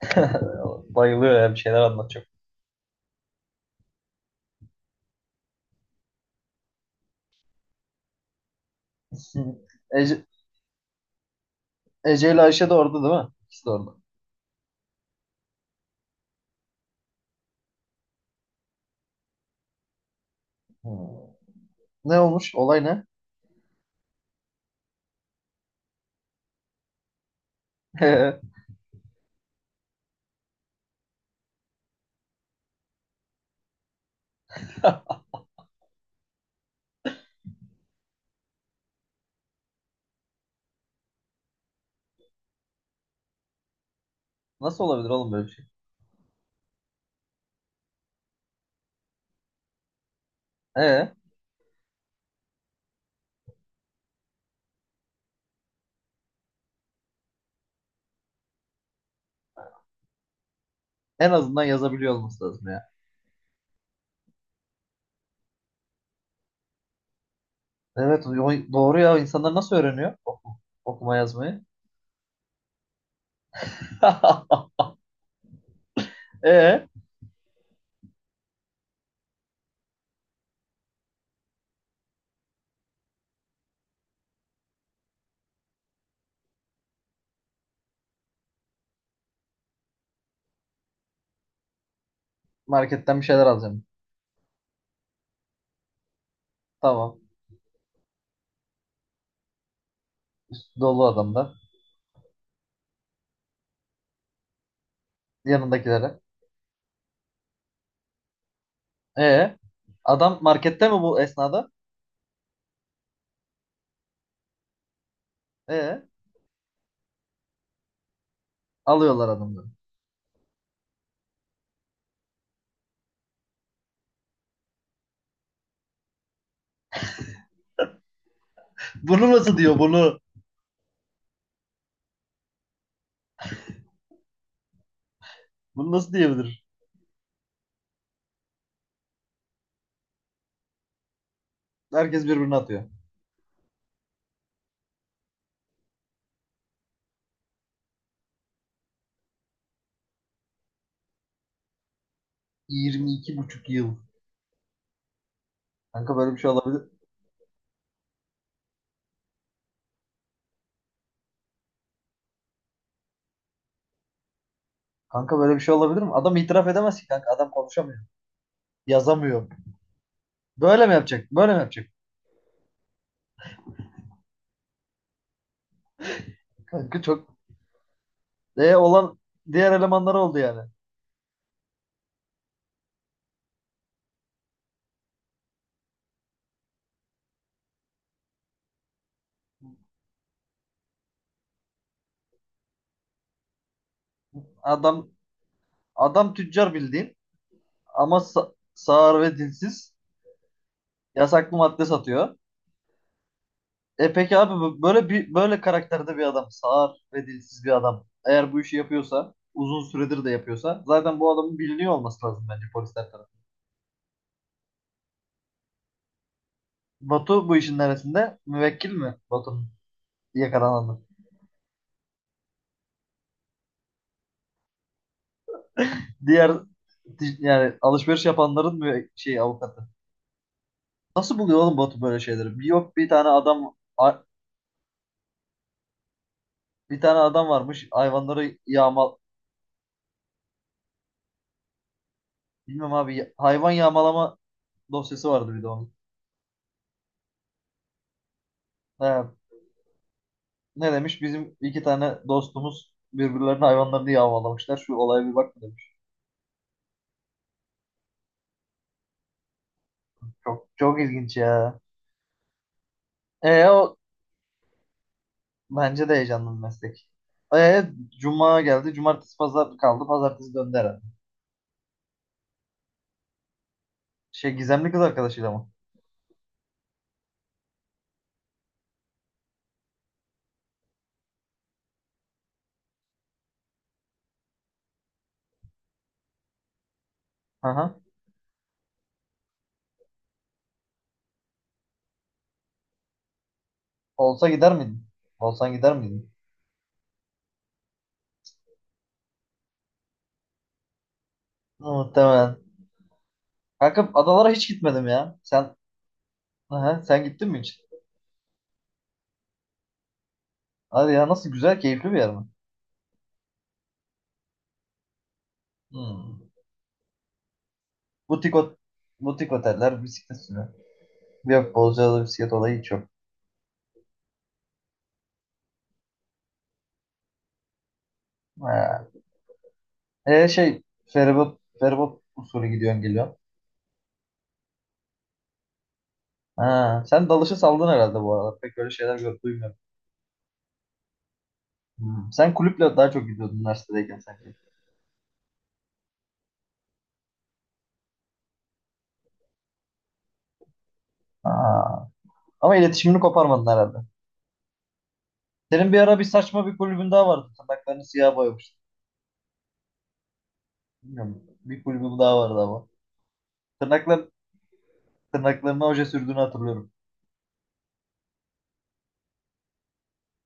Bayılıyor ya bir şeyler anlatacak. Ece, Ece ile Ayşe de orada değil mi? İkisi de orada. Hmm. Ne olmuş? Olay ne? Nasıl olabilir oğlum böyle bir şey? Ee, en azından yazabiliyor olması lazım ya. Evet doğru ya insanlar nasıl öğreniyor okuma yazmayı? Ee, marketten bir şeyler alacağım. Tamam. Üstü dolu adamlar. Yanındakilere. Ee, adam markette mi bu esnada? Ee, alıyorlar adamları. Bunu nasıl diyor bunu? Bunu nasıl diyebilir? Herkes birbirine atıyor. 22,5 yıl. Kanka böyle bir şey olabilir. Kanka böyle bir şey olabilir mi? Adam itiraf edemez ki kanka. Adam konuşamıyor. Yazamıyor. Böyle mi yapacak? Böyle mi yapacak? Kanka çok olan diğer elemanlar oldu yani. Adam adam tüccar bildiğin ama sağır ve dilsiz, yasaklı madde satıyor. E peki abi böyle karakterde bir adam, sağır ve dilsiz bir adam. Eğer bu işi yapıyorsa, uzun süredir de yapıyorsa zaten bu adamın biliniyor olması lazım bence polisler tarafından. Batu bu işin neresinde? Müvekkil mi Batu'nun? Yakalanamadım. Diğer yani alışveriş yapanların şey avukatı. Nasıl buluyor oğlum Batu böyle şeyleri? Bir, yok, bir tane adam bir tane adam varmış hayvanları yağmal, bilmem abi, hayvan yağmalama dosyası vardı bir de onun. He, ne demiş? Bizim iki tane dostumuz birbirlerinin hayvanlarını yağmalamışlar. Şu olaya bir bak mı demiş. Çok çok ilginç ya. E o Bence de heyecanlı bir meslek. E, Cuma geldi. Cumartesi pazar kaldı. Pazartesi döndü herhalde. Şey, gizemli kız arkadaşıyla mı? Hı hı. Olsa gider miydin? Olsan gider miydin? Muhtemelen. Kanka adalara hiç gitmedim ya. Aha, sen gittin mi hiç? Hadi ya nasıl güzel keyifli bir yer mi? Hmm. Butik, ot butik oteller, bisiklet sürü. Yok Bozcaada bisiklet olayı hiç yok. Ha. E, şey, feribot usulü gidiyorsun geliyorsun. Ha. Sen dalışı saldın herhalde bu aralar. Pek öyle şeyler duymuyorum. Hmm. Sen kulüple daha çok gidiyordun üniversitedeyken sanki. Ha. Ama iletişimini koparmadın herhalde. Senin bir ara bir saçma bir kulübün daha vardı. Tırnaklarını siyah boyamış. Bilmiyorum. Bir kulübüm daha vardı ama. Tırnaklar, tırnaklarına oje sürdüğünü hatırlıyorum.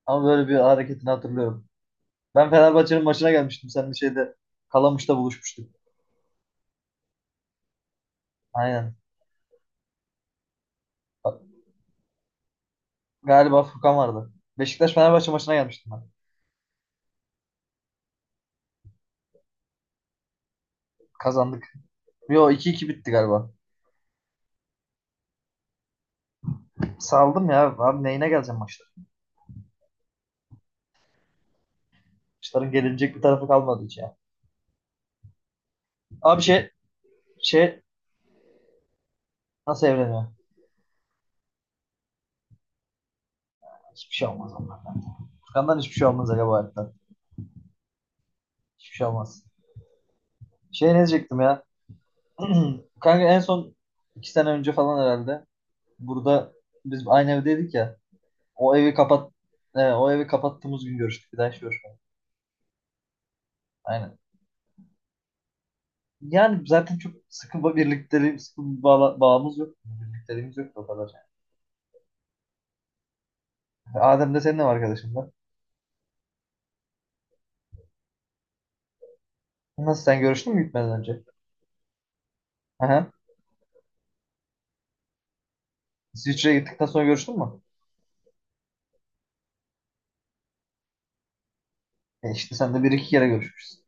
Ama böyle bir hareketini hatırlıyorum. Ben Fenerbahçe'nin maçına gelmiştim, sen bir şeyde Kalamış'ta buluşmuştuk. Aynen. Bak, galiba Furkan vardı. Beşiktaş Fenerbahçe maçına gelmiştim ben. Kazandık. Yo, 2-2 bitti galiba. Saldım ya. Abi neyine geleceğim maçlara? Maçların gelinecek bir tarafı kalmadı hiç ya. Abi şey, nasıl evleniyor? Hiçbir şey olmaz onlar. Furkan'dan hiçbir şey olmaz Aga bu hayatta. Hiçbir şey olmaz. Şey, ne diyecektim ya? Kanka en son 2 sene önce falan herhalde. Burada biz aynı evdeydik ya. O evi kapat o evi kapattığımız gün görüştük. Bir daha hiç görüşmedik. Aynen. Yani zaten çok sıkı bir birlikteliğim, sıkı bir bağımız yok. Birlikteliğimiz yok da o kadar. Adem de senin ev arkadaşın da. Nasıl, sen görüştün mü gitmeden önce? Aha. İsviçre'ye gittikten sonra görüştün mü? E işte sen de bir iki kere görüşmüşsün.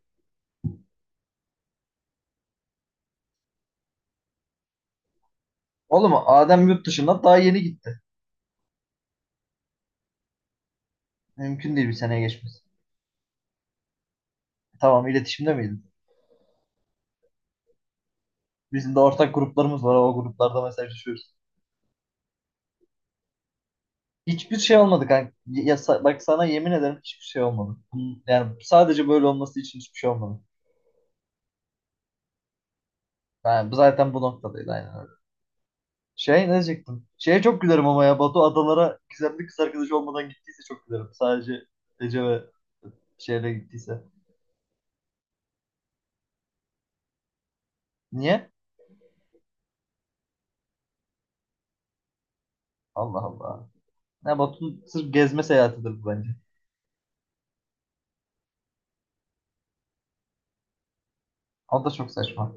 Oğlum Adem yurt dışında daha yeni gitti. Mümkün değil bir seneye geçmesi. Tamam, iletişimde miydin? Bizim de ortak gruplarımız var. O gruplarda mesajlaşıyoruz. Hiçbir şey olmadı kanka. Ya, bak sana yemin ederim hiçbir şey olmadı. Yani sadece böyle olması için hiçbir şey olmadı. Yani bu zaten bu noktadaydı aynen öyle. Şey, ne diyecektim? Şeye çok gülerim ama ya Batu adalara gizemli kız arkadaşı olmadan gittiyse çok gülerim. Sadece Ece ve şeyle gittiyse. Niye? Allah Allah. Ya Batu'nun sırf gezme seyahatidir bu bence. O da çok saçma.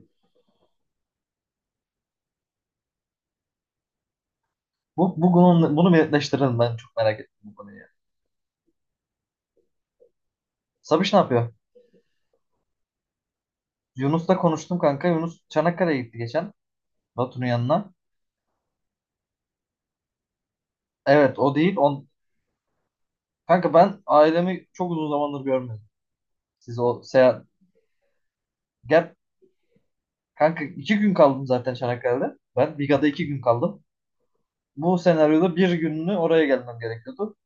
Bunu bir netleştirelim, ben çok merak ettim bu konuyu ya. Sabiş ne yapıyor? Yunus'la konuştum kanka. Yunus Çanakkale'ye gitti geçen. Batu'nun yanına. Evet o değil. On... Kanka ben ailemi çok uzun zamandır görmedim. Siz o seyahat... Gel. Kanka 2 gün kaldım zaten Çanakkale'de. Ben Biga'da 2 gün kaldım. Bu senaryoda bir gününü oraya gelmem gerekiyordu.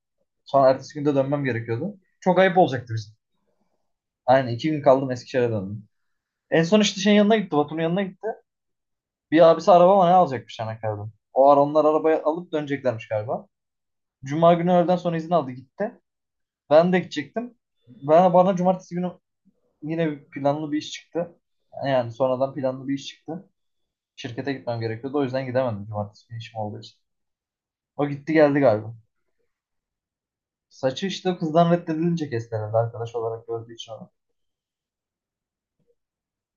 Sonra ertesi günde dönmem gerekiyordu. Çok ayıp olacaktı bizim. Aynen, 2 gün kaldım Eskişehir'e döndüm. En son işte şeyin yanına gitti. Batu'nun yanına gitti. Bir abisi araba mı ne alacakmış Çanakkale'den. O ara onlar arabayı alıp döneceklermiş galiba. Cuma günü öğleden sonra izin aldı gitti. Ben de gidecektim. Bana cumartesi günü yine bir planlı bir iş çıktı. Yani sonradan planlı bir iş çıktı. Şirkete gitmem gerekiyordu. O yüzden gidemedim cumartesi günü işim olduğu için. O gitti geldi galiba. Saçı işte kızdan reddedilince kesti herhalde arkadaş olarak gördüğü için onu.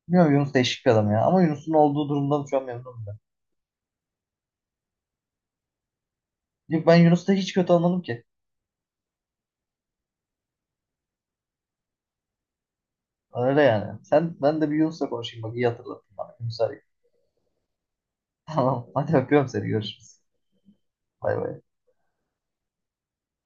Bilmiyorum Yunus değişik bir adam ya. Ama Yunus'un olduğu durumdan şu an memnunum ben. Yok, ben Yunus'ta hiç kötü olmadım ki. Öyle yani. Ben de bir Yunus'la konuşayım, bak iyi hatırlattın bana. Yunus arayayım. Tamam, hadi öpüyorum seni, görüşürüz. Bay bay.